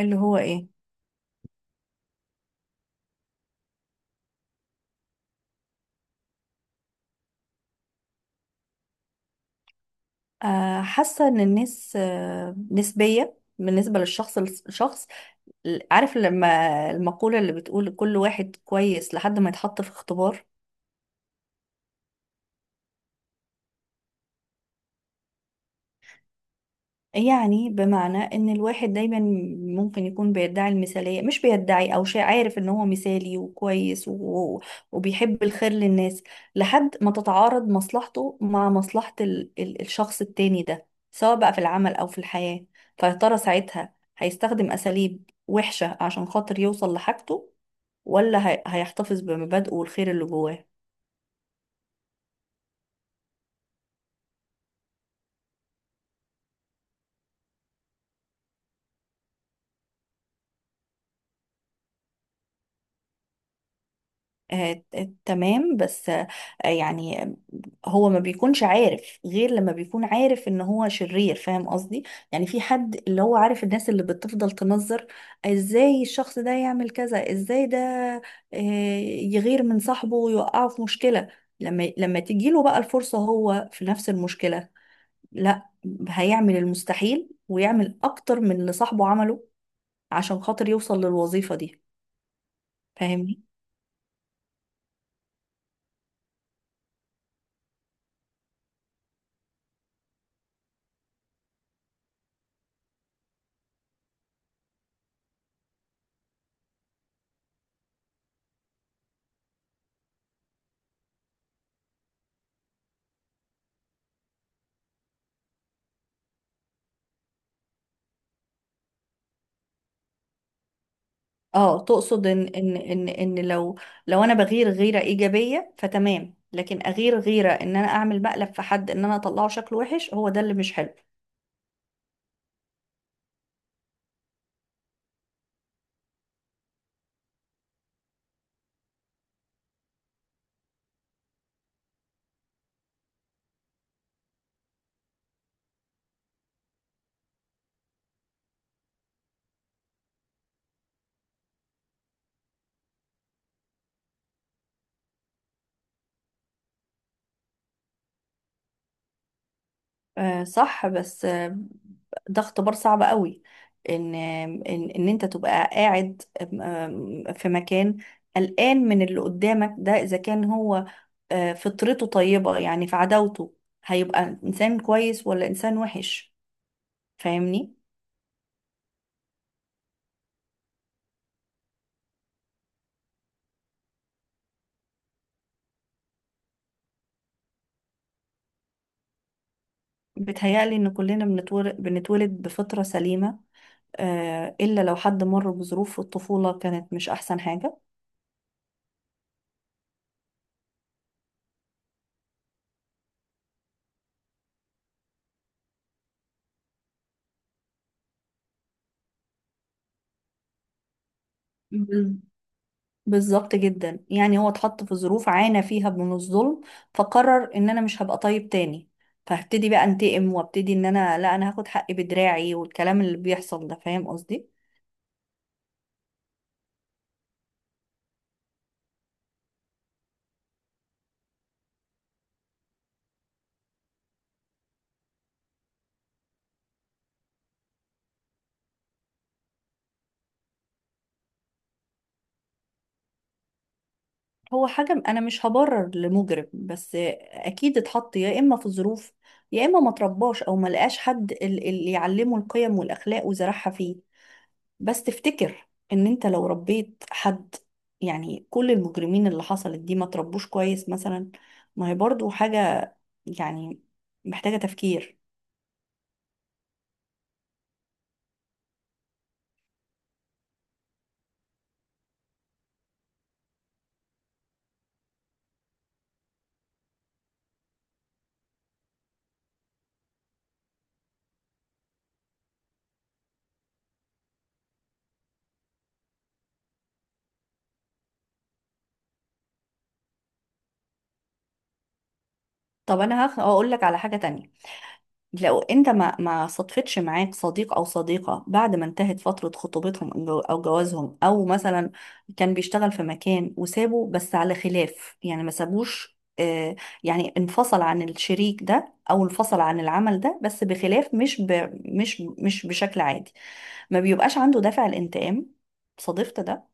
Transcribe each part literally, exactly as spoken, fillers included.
اللي هو ايه؟ آه حاسه ان الناس آه نسبيه بالنسبه للشخص الشخص. عارف لما المقوله اللي بتقول كل واحد كويس لحد ما يتحط في اختبار. يعني بمعنى ان الواحد دايما ممكن يكون بيدعي المثالية، مش بيدعي او شيء، عارف ان هو مثالي وكويس و... وبيحب الخير للناس، لحد ما تتعارض مصلحته مع مصلحة ال... ال... الشخص التاني ده، سواء بقى في العمل او في الحياة. فيا ترى ساعتها هيستخدم اساليب وحشة عشان خاطر يوصل لحاجته، ولا هي... هيحتفظ بمبادئه والخير اللي جواه؟ آه، ت- تمام، بس آه، يعني آه، هو ما بيكونش عارف غير لما بيكون عارف ان هو شرير، فاهم قصدي؟ يعني في حد اللي هو عارف الناس اللي بتفضل تنظر ازاي الشخص ده يعمل كذا، ازاي ده آه، يغير من صاحبه ويوقعه في مشكلة. لما لما تجيله بقى الفرصة هو في نفس المشكلة، لا، هيعمل المستحيل ويعمل اكتر من اللي صاحبه عمله عشان خاطر يوصل للوظيفة دي، فاهمني؟ اه، تقصد ان ان ان ان لو لو انا بغير غيرة ايجابية فتمام، لكن اغير غيرة ان انا اعمل مقلب في حد، ان انا اطلعه شكله وحش، هو ده اللي مش حلو. آه صح، بس آه، ده اختبار صعب قوي، ان ان ان انت تبقى قاعد آم، في مكان قلقان من اللي قدامك ده، اذا كان هو آه فطرته طيبة يعني في عداوته، هيبقى انسان كويس ولا انسان وحش؟ فاهمني؟ بتهيألي ان كلنا بنتولد بنتولد بفطرة سليمة، آه، إلا لو حد مر بظروف في الطفولة كانت مش أحسن حاجة. بال- بالظبط جدا، يعني هو اتحط في ظروف عانى فيها من الظلم فقرر ان انا مش هبقى طيب تاني، فهبتدي بقى انتقم وابتدي ان انا، لا، انا هاخد حقي بدراعي والكلام اللي بيحصل ده، فاهم قصدي؟ هو حاجة م- انا مش هبرر لمجرم، بس اكيد اتحط يا اما في ظروف، يا اما ما ترباش او ما لقاش حد ال- اللي يعلمه القيم والاخلاق وزرعها فيه. بس تفتكر ان انت لو ربيت حد، يعني كل المجرمين اللي حصلت دي ما تربوش كويس مثلا؟ ما هي برضو حاجة يعني محتاجة تفكير. طب انا هخ- هقول لك على حاجة تانية، لو انت ما ما صدفتش معاك صديق او صديقة بعد ما انتهت فترة خطوبتهم او جو- أو جوازهم، او مثلا كان بيشتغل في مكان وسابه بس على خلاف، يعني ما سابوش آه، يعني انفصل عن الشريك ده او انفصل عن العمل ده، بس بخلاف، مش ب مش مش بشكل عادي، ما بيبقاش عنده دافع الانتقام؟ صادفت ده؟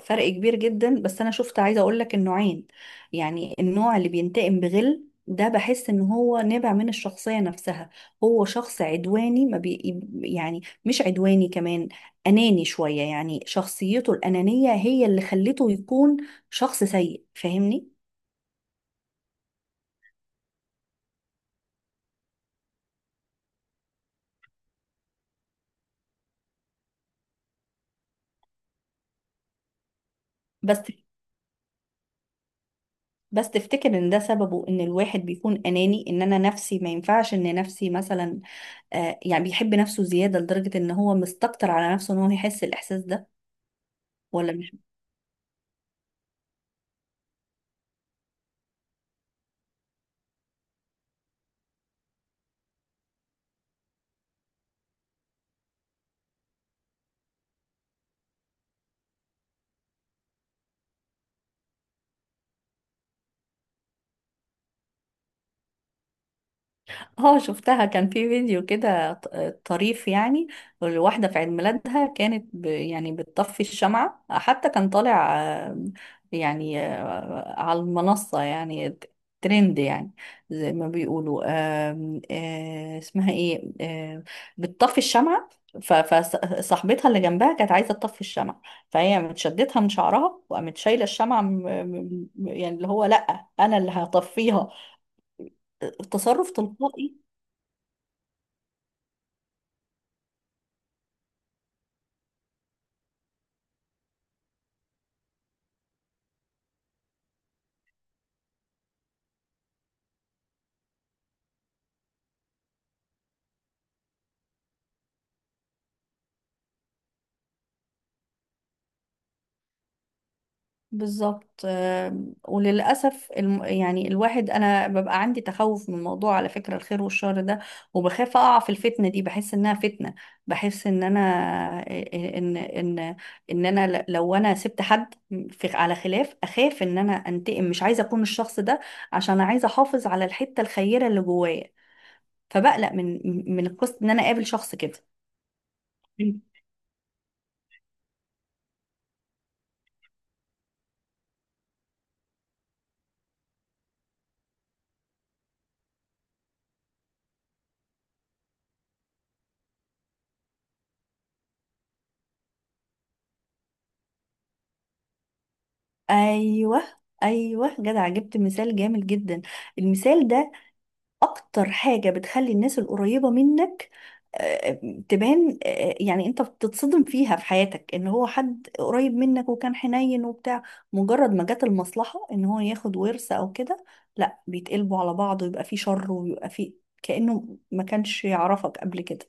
فرق كبير جدا، بس انا شفت عايزه اقول لك النوعين. يعني النوع اللي بينتقم بغل ده، بحس ان هو نابع من الشخصيه نفسها، هو شخص عدواني، ما بي يعني مش عدواني كمان، اناني شويه، يعني شخصيته الانانيه هي اللي خلته يكون شخص سيء، فاهمني؟ بس بس تفتكر ان ده سببه ان الواحد بيكون اناني، ان انا نفسي ما ينفعش ان نفسي مثلا آه، يعني بيحب نفسه زياده لدرجه ان هو مستكتر على نفسه ان هو يحس الاحساس ده، ولا؟ اه شفتها، كان في فيديو كده ط- طريف يعني، الواحدة في عيد ميلادها كانت ب يعني بتطفي الشمعة، حتى كان طالع آه، يعني آه، على المنصة، يعني ت- ترند يعني زي ما بيقولوا، آم، آه، اسمها ايه آه، بتطفي الشمعة، فصاحبتها اللي جنبها كانت عايزة تطفي الشمعة، فهي متشدتها من شعرها وقامت شايلة الشمعة، م- م- م- يعني اللي هو لأ أنا اللي هتصرف تلقائي. بالظبط، آم، وللأسف الم... يعني الواحد أنا ببقى عندي تخوف من موضوع على فكرة الخير والشر ده، وبخاف أقع في الفتنة دي، بحس إنها فتنة، بحس إن أنا آه، إن إن إن أنا ل- لو أنا سبت حد في... على خلاف، أخاف إن أنا أنتقم، مش عايزة أكون الشخص ده، عشان عايزة أحافظ على الحتة الخيرة اللي جوايا، فبقلق من من قصة إن أنا أقابل شخص كده. أيوه، أيوه، جدع، جبت مثال جامد جدا. المثال ده اكتر حاجة بتخلي الناس القريبة منك آه، تبان، آه، يعني انت بتتصدم فيها في حياتك، ان هو حد قريب منك وكان حنين وبتاع، مجرد ما جت المصلحة ان هو ياخد ورث او كده، لا، بيتقلبوا على بعض ويبقى فيه شر ويبقى فيه، كأنه ما كانش يعرفك قبل كده.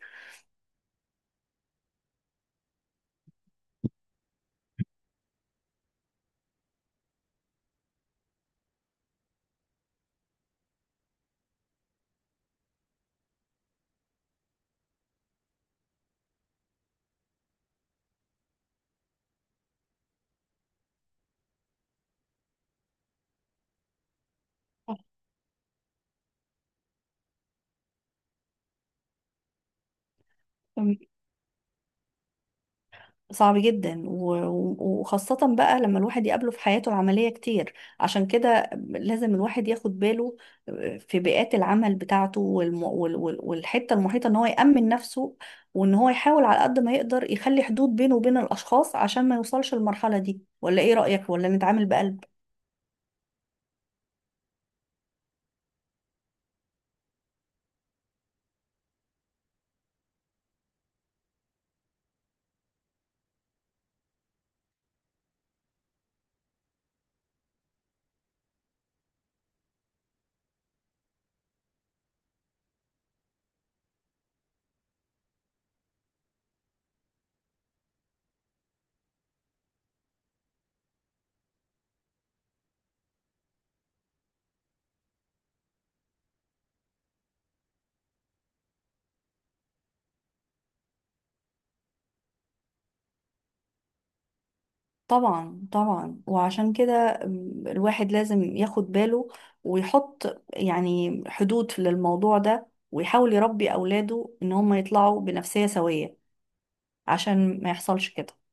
صعب جدا، و- و- وخاصة بقى لما الواحد يقابله في حياته العملية كتير، عشان كده لازم الواحد ياخد باله آه، في بيئات العمل بتاعته والم- وال- وال- والحتة المحيطة، ان هو يأمن نفسه، وان هو يحاول على قد ما يقدر يخلي حدود بينه وبين الأشخاص عشان ما يوصلش المرحلة دي. ولا ايه رأيك، ولا نتعامل بقلب؟ طبعا طبعا، وعشان كده م، الواحد لازم ياخد باله ويحط يعني حدود للموضوع ده، ويحاول يربي أولاده إن هم يطلعوا بنفسية سوية عشان ما يحصلش كده.